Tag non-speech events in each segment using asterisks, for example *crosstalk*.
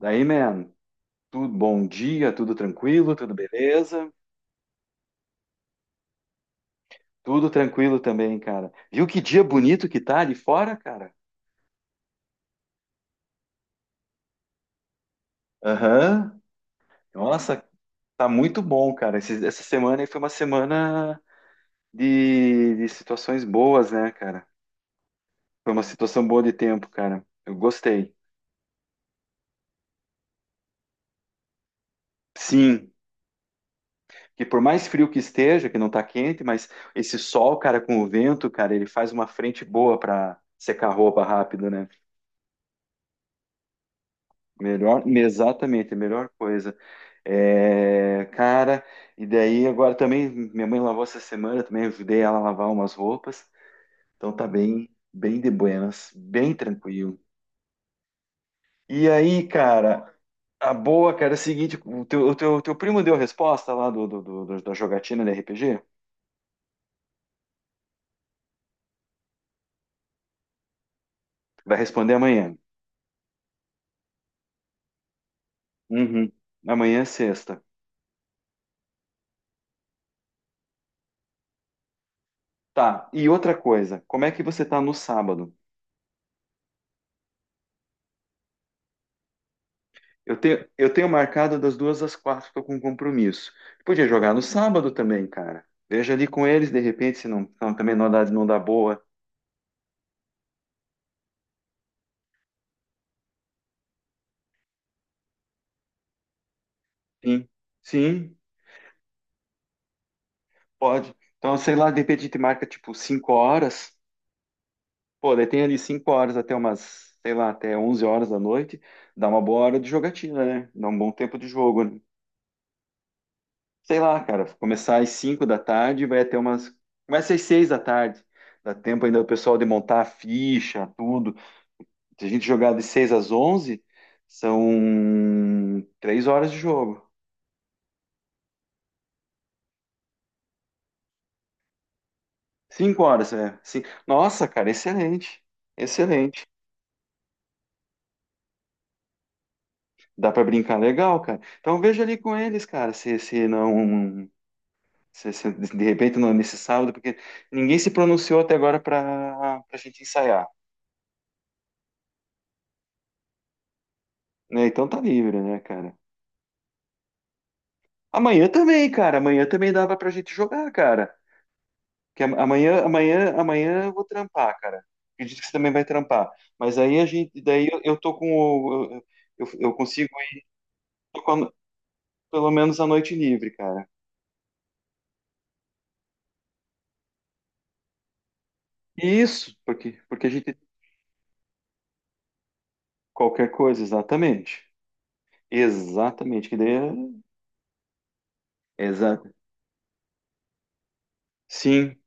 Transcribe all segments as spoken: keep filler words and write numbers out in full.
Daí, man, tudo bom dia, tudo tranquilo, tudo beleza? Tudo tranquilo também, cara. Viu que dia bonito que tá ali fora, cara? Aham. Nossa, tá muito bom, cara. Esse- essa semana aí foi uma semana de, de situações boas, né, cara? Foi uma situação boa de tempo, cara. Eu gostei. Sim, que por mais frio que esteja, que não tá quente, mas esse sol, cara, com o vento, cara, ele faz uma frente boa pra secar roupa rápido, né? Melhor, exatamente, a melhor coisa. É, cara, e daí agora também minha mãe lavou essa semana, também ajudei ela a lavar umas roupas, então tá bem, bem de buenas, bem tranquilo. E aí, cara, a boa, cara, é o seguinte, o teu, o teu, o teu primo deu a resposta lá do, do, do- do- da jogatina da R P G? Vai responder amanhã. Uhum. Amanhã é sexta. Tá, e outra coisa, como é que você tá no sábado? Eu tenho, eu tenho marcado das duas às quatro, estou com um compromisso. Podia jogar no sábado também, cara. Veja ali com eles, de repente, se não, não- também não dá, não dá boa. Sim, sim, pode. Então, sei lá, de repente a gente marca tipo cinco horas. Pô, daí tem ali cinco horas até umas, sei lá, até onze horas da noite. Dá uma boa hora de jogatina, né? Dá um bom tempo de jogo, né? Sei lá, cara, começar às cinco da tarde, vai até umas. Começa às seis da tarde. Dá tempo ainda o pessoal de montar a ficha, tudo. Se a gente jogar de seis às onze, são três horas de jogo. Cinco horas, é. Cin- Nossa, cara, excelente. Excelente. Dá pra brincar legal, cara. Então veja ali com eles, cara, se, se não. Se, se de repente não é nesse sábado, porque ninguém se pronunciou até agora pra, pra gente ensaiar, né? Então tá livre, né, cara? Amanhã também, cara. Amanhã também dava pra gente jogar, cara. Que am- amanhã, amanhã, amanhã eu vou trampar, cara. Acredito que você também vai trampar. Mas aí a gente, daí eu, eu tô com o, eu, eu eu consigo ir com a- pelo menos a noite livre, cara. Isso, porque porque a gente qualquer coisa, exatamente. Exatamente, que daí é. Exato. Sim.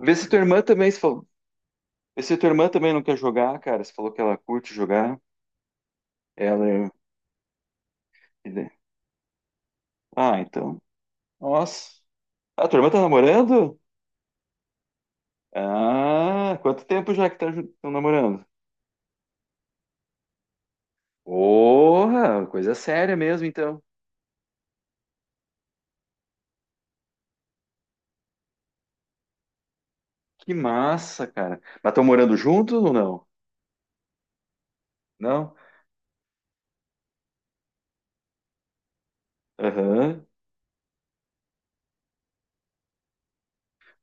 Vê se tua irmã também, se falou, vê se tua irmã também não quer jogar, cara. Você falou que ela curte jogar. Ela é. Ah, então. Nossa. Ah, tua irmã tá namorando? Ah, quanto tempo já que tá ju- tão namorando? Porra, coisa séria mesmo, então. Que massa, cara. Mas estão morando juntos ou não? Não? Aham.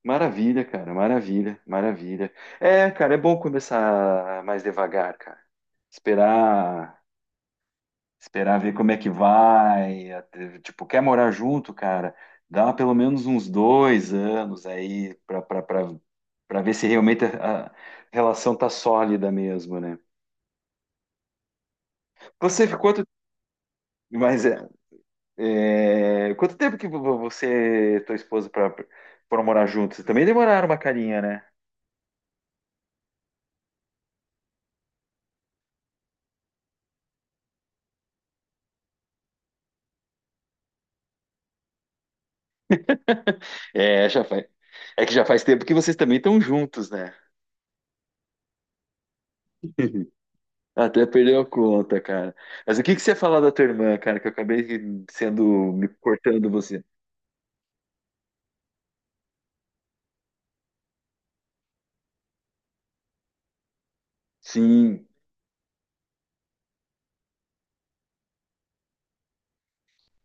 Maravilha, cara. Maravilha, maravilha. É, cara, é bom começar mais devagar, cara. Esperar, esperar ver como é que vai. até- Tipo, quer morar junto, cara? Dá pelo menos uns dois anos aí pra, pra, pra, pra ver se realmente a a relação tá sólida mesmo, né? Você ficou. Mas é. É, Quanto tempo que vo- você e tua esposa pra- foram morar juntos? Vocês também demoraram uma carinha, né? É, já faz. É que já faz tempo que vocês também estão juntos, né? *laughs* Até perdeu a conta, cara. Mas o que que você ia falar da tua irmã, cara? Que eu acabei sendo me cortando você. Sim,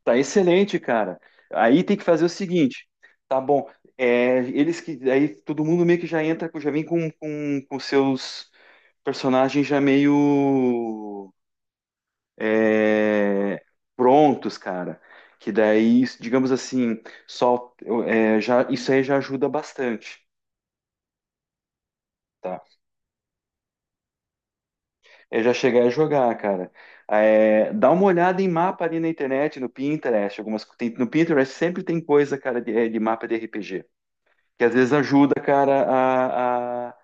tá excelente, cara. Aí tem que fazer o seguinte, tá bom? É, eles que aí todo mundo meio que já entra, já vem com com, com seus personagens já meio é, prontos, cara. Que daí, digamos assim, só é, já, isso aí já ajuda bastante, tá? É já chegar a jogar, cara. É, dá uma olhada em mapa ali na internet, no Pinterest, algumas tem- no Pinterest sempre tem coisa, cara, de, é, de mapa de R P G, que às vezes ajuda, cara, a, a,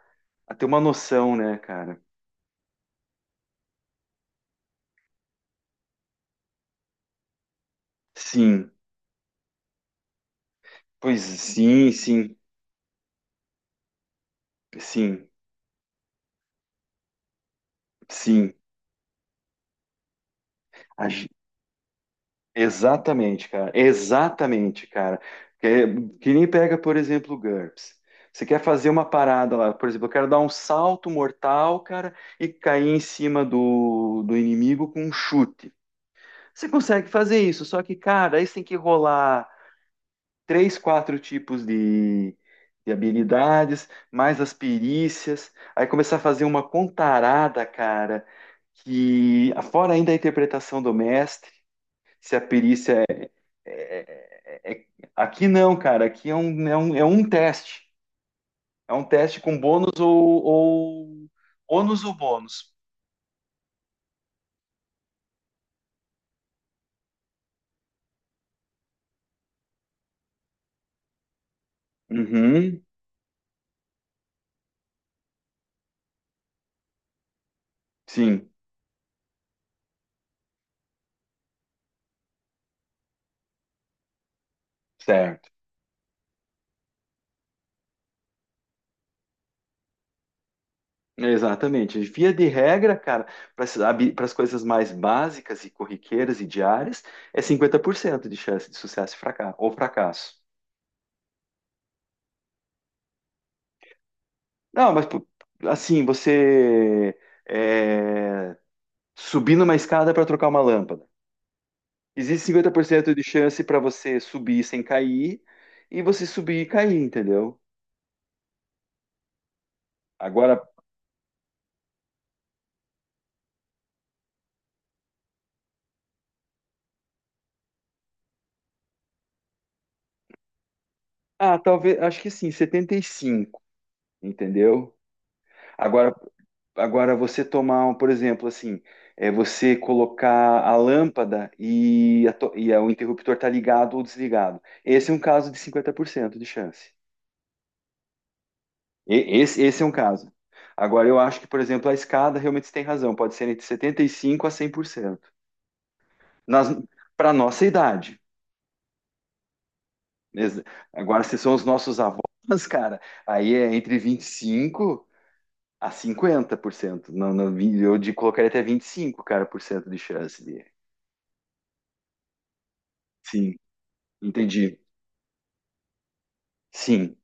a ter uma noção, né, cara? Sim, pois sim, sim, sim, sim. Exatamente, cara. Exatamente, cara. Que, que nem pega, por exemplo, o GURPS. Você quer fazer uma parada lá, por exemplo, eu quero dar um salto mortal, cara, e cair em cima do, do inimigo com um chute. Você consegue fazer isso, só que, cara, aí você tem que rolar três, quatro tipos de, de habilidades, mais as perícias, aí começar a fazer uma contarada, cara, que fora ainda a interpretação do mestre, se a perícia é- é- aqui não, cara. Aqui é um, é um, é um teste. É um teste com bônus ou, ou... ônus ou bônus. Uhum, sim, certo. Exatamente. Via de regra, cara, para as coisas mais básicas e corriqueiras e diárias, é cinquenta por cento de chance de sucesso e fraca- ou fracasso. Não, mas pô, assim, você é, subir numa escada para trocar uma lâmpada. Existe cinquenta por cento de chance para você subir sem cair e você subir e cair, entendeu? Agora, ah, talvez, acho que sim, setenta e cinco, entendeu? Agora, agora você tomar, um, por exemplo, assim, é você colocar a lâmpada e, a to- e a- o interruptor tá ligado ou desligado. Esse é um caso de cinquenta por cento de chance. E- esse, esse é um caso. Agora, eu acho que, por exemplo, a escada realmente você tem razão, pode ser entre setenta e cinco a cem por cento. Nas, Para nossa idade. Exa- Agora, se são os nossos avós, cara, aí é entre vinte e cinco a cinquenta por cento. Não, não, vi- eu de colocaria até vinte e cinco cara, por cento de chance de. Sim, entendi. Sim,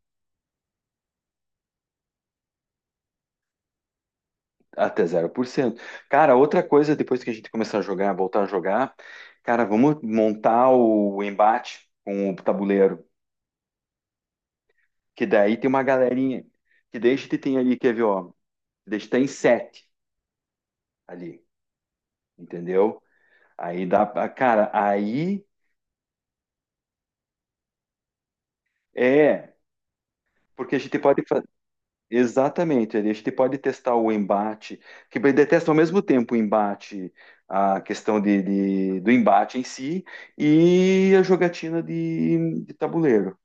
até zero por cento. Cara, outra coisa, depois que a gente começar a jogar, voltar a jogar, cara, vamos montar o embate com o tabuleiro, que daí tem uma galerinha, que daí a gente tem ali, quer ver, ó, daí a gente tá em sete ali, entendeu? Aí dá, pra- cara, aí é porque a gente pode fazer. Exatamente, Eli, a gente pode testar o embate, que ele detesta ao mesmo tempo o embate, a questão de, de- do embate em si e a jogatina de, de tabuleiro.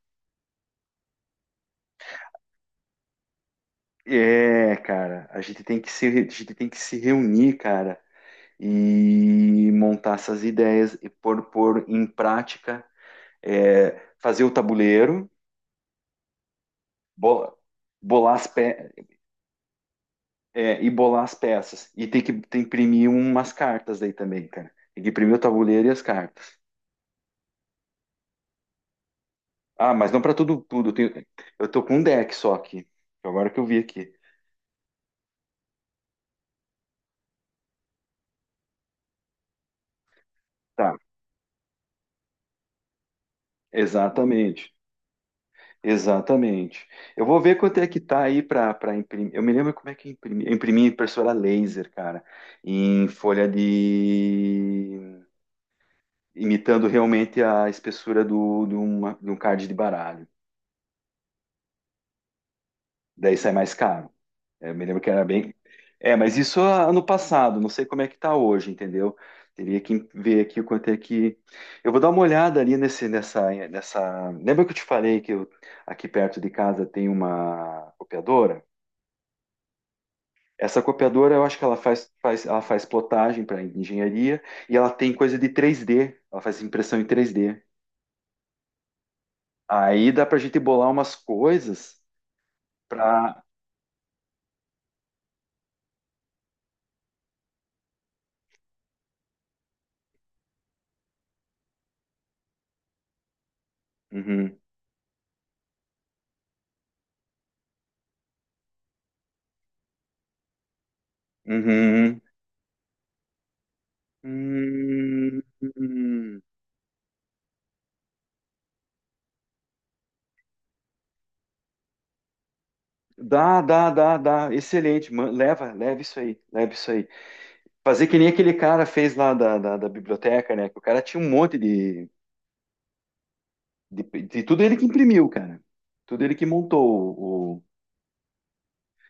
É, cara, a gente tem que se, a gente tem que se reunir, cara, e montar essas ideias e pôr, pôr em prática, é, fazer o tabuleiro, bo- bolar as, pe é, e bolar as peças. E tem que, tem que imprimir umas cartas daí também, cara. Tem que imprimir o tabuleiro e as cartas. Ah, mas não para tudo, tudo. Eu, tenho- eu tô com um deck só aqui. Agora que eu vi aqui. Tá, exatamente. Exatamente. Eu vou ver quanto é que tá aí para para imprimir. Eu me lembro como é que eu imprimi. Eu imprimi em impressora laser, cara, em folha de. Imitando realmente a espessura do, de, uma, de um card de baralho. Daí sai mais caro. É, eu me lembro que era bem. É, mas isso ah, ano passado, não sei como é que tá hoje, entendeu? Teria que ver aqui o quanto é que. Eu vou dar uma olhada ali nesse, nessa, nessa. Lembra que eu te falei que eu, aqui perto de casa tem uma copiadora? Essa copiadora, eu acho que ela faz, faz, ela faz plotagem para engenharia e ela tem coisa de três d. Ela faz impressão em três d. Aí dá pra gente bolar umas coisas pra. Uhum, uhum, hum, hum. Dá, dá, dá, dá. Excelente. man- Leva, leva isso aí, leva isso aí. Fazer que nem aquele cara fez lá da, da, da biblioteca, né? Que o cara tinha um monte de, de, de tudo ele que imprimiu, cara. Tudo ele que montou o. o-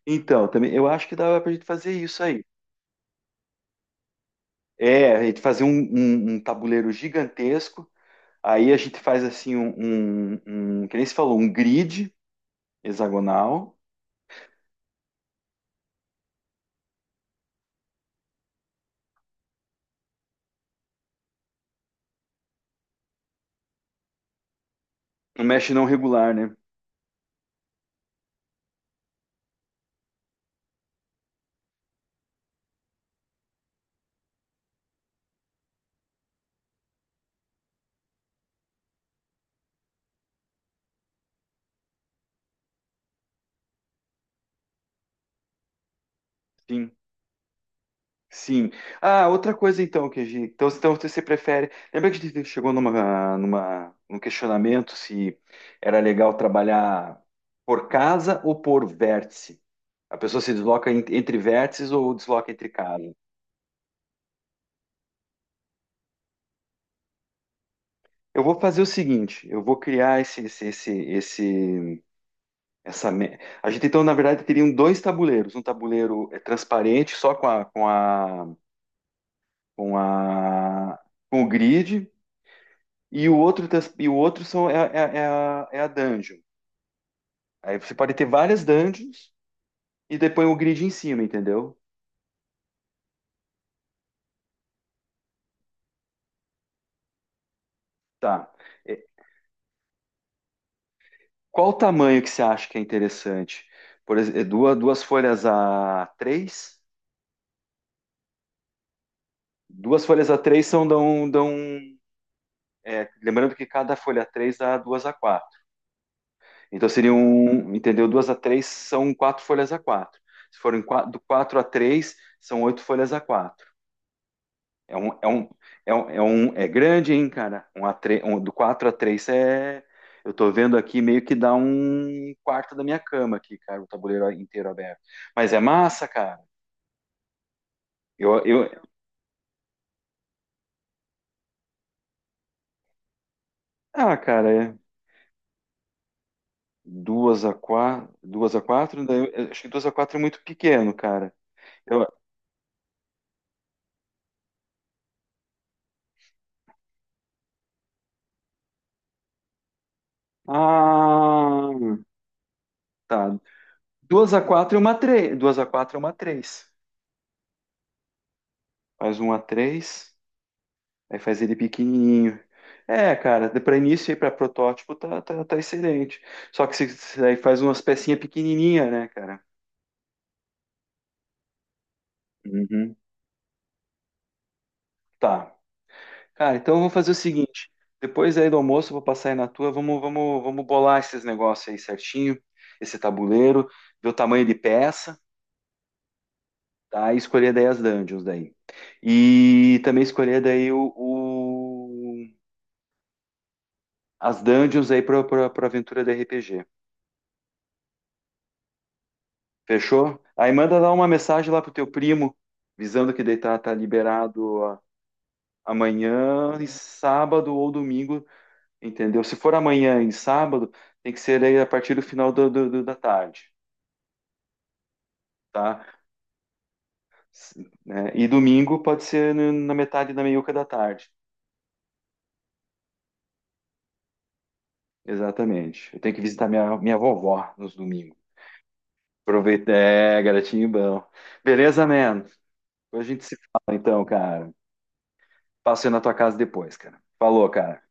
Então, também eu acho que dava pra gente fazer isso aí. É, a gente fazer um, um, um tabuleiro gigantesco. Aí a gente faz assim um, um, um, que nem se falou, um grid hexagonal. Um mesh não regular, né? Sim. Sim. Ah, outra coisa então que a gente, então, então você prefere? Lembra que a gente chegou numa, numa, num questionamento se era legal trabalhar por casa ou por vértice? A pessoa se desloca en- entre vértices ou desloca entre casa? Eu vou fazer o seguinte, eu vou criar esse, esse, esse, esse- essa. me- A gente então na verdade teriam dois tabuleiros, um tabuleiro é, transparente só com a, com a, com a, com o grid. E o outro, tas- e o outro são, é, é, é a, é a dungeon. Aí você pode ter várias dungeons e depois o grid em cima, entendeu? Tá. É, Qual o tamanho que você acha que é interessante? Por exemplo, duas, duas folhas a três. Duas folhas a três são dão, dão é, lembrando que cada folha a três dá duas a quatro. Então seriam, entendeu? Duas a três são quatro folhas a quatro. Se forem quatro, do quatro a três são oito folhas a quatro. É um, é um, é um, é um- é grande, hein, cara? Um a três um- do quatro a três é. Eu tô vendo aqui meio que dá um quarto da minha cama aqui, cara, o tabuleiro inteiro aberto. Mas é massa, cara. Eu, eu... Ah, cara, é duas a quatro duas a quatro daí eu acho que duas a quatro é muito pequeno, cara. Eu... Ah, tá. Duas a quatro é uma três. Duas a quatro é uma três. Faz um a três. Aí faz ele pequenininho. É, cara, de- pra início e para protótipo tá, tá, tá excelente. Só que se, se aí faz umas pecinhas pequenininha, né, cara? Uhum. Tá. Cara, então eu vou fazer o seguinte. Depois aí do almoço eu vou passar aí na tua. Vamos, vamos, vamos bolar esses negócios aí certinho. Esse tabuleiro. Ver o tamanho de peça, tá? E escolher daí as dungeons daí. E também escolher daí o, o- as dungeons aí para pra, pra aventura do R P G. Fechou? Aí manda lá uma mensagem lá pro teu primo, visando que daí tá, tá liberado ó, amanhã e sábado ou domingo, entendeu? Se for amanhã e sábado, tem que ser aí a partir do final do, do- do- da tarde, tá? S- né? E domingo pode ser no- na metade da meiuca da tarde, exatamente. Eu tenho que visitar minha, minha vovó nos domingos. Aproveita, é, garotinho bom. Beleza, man? Depois a gente se fala então, cara. Passo aí na tua casa depois, cara. Falou, cara.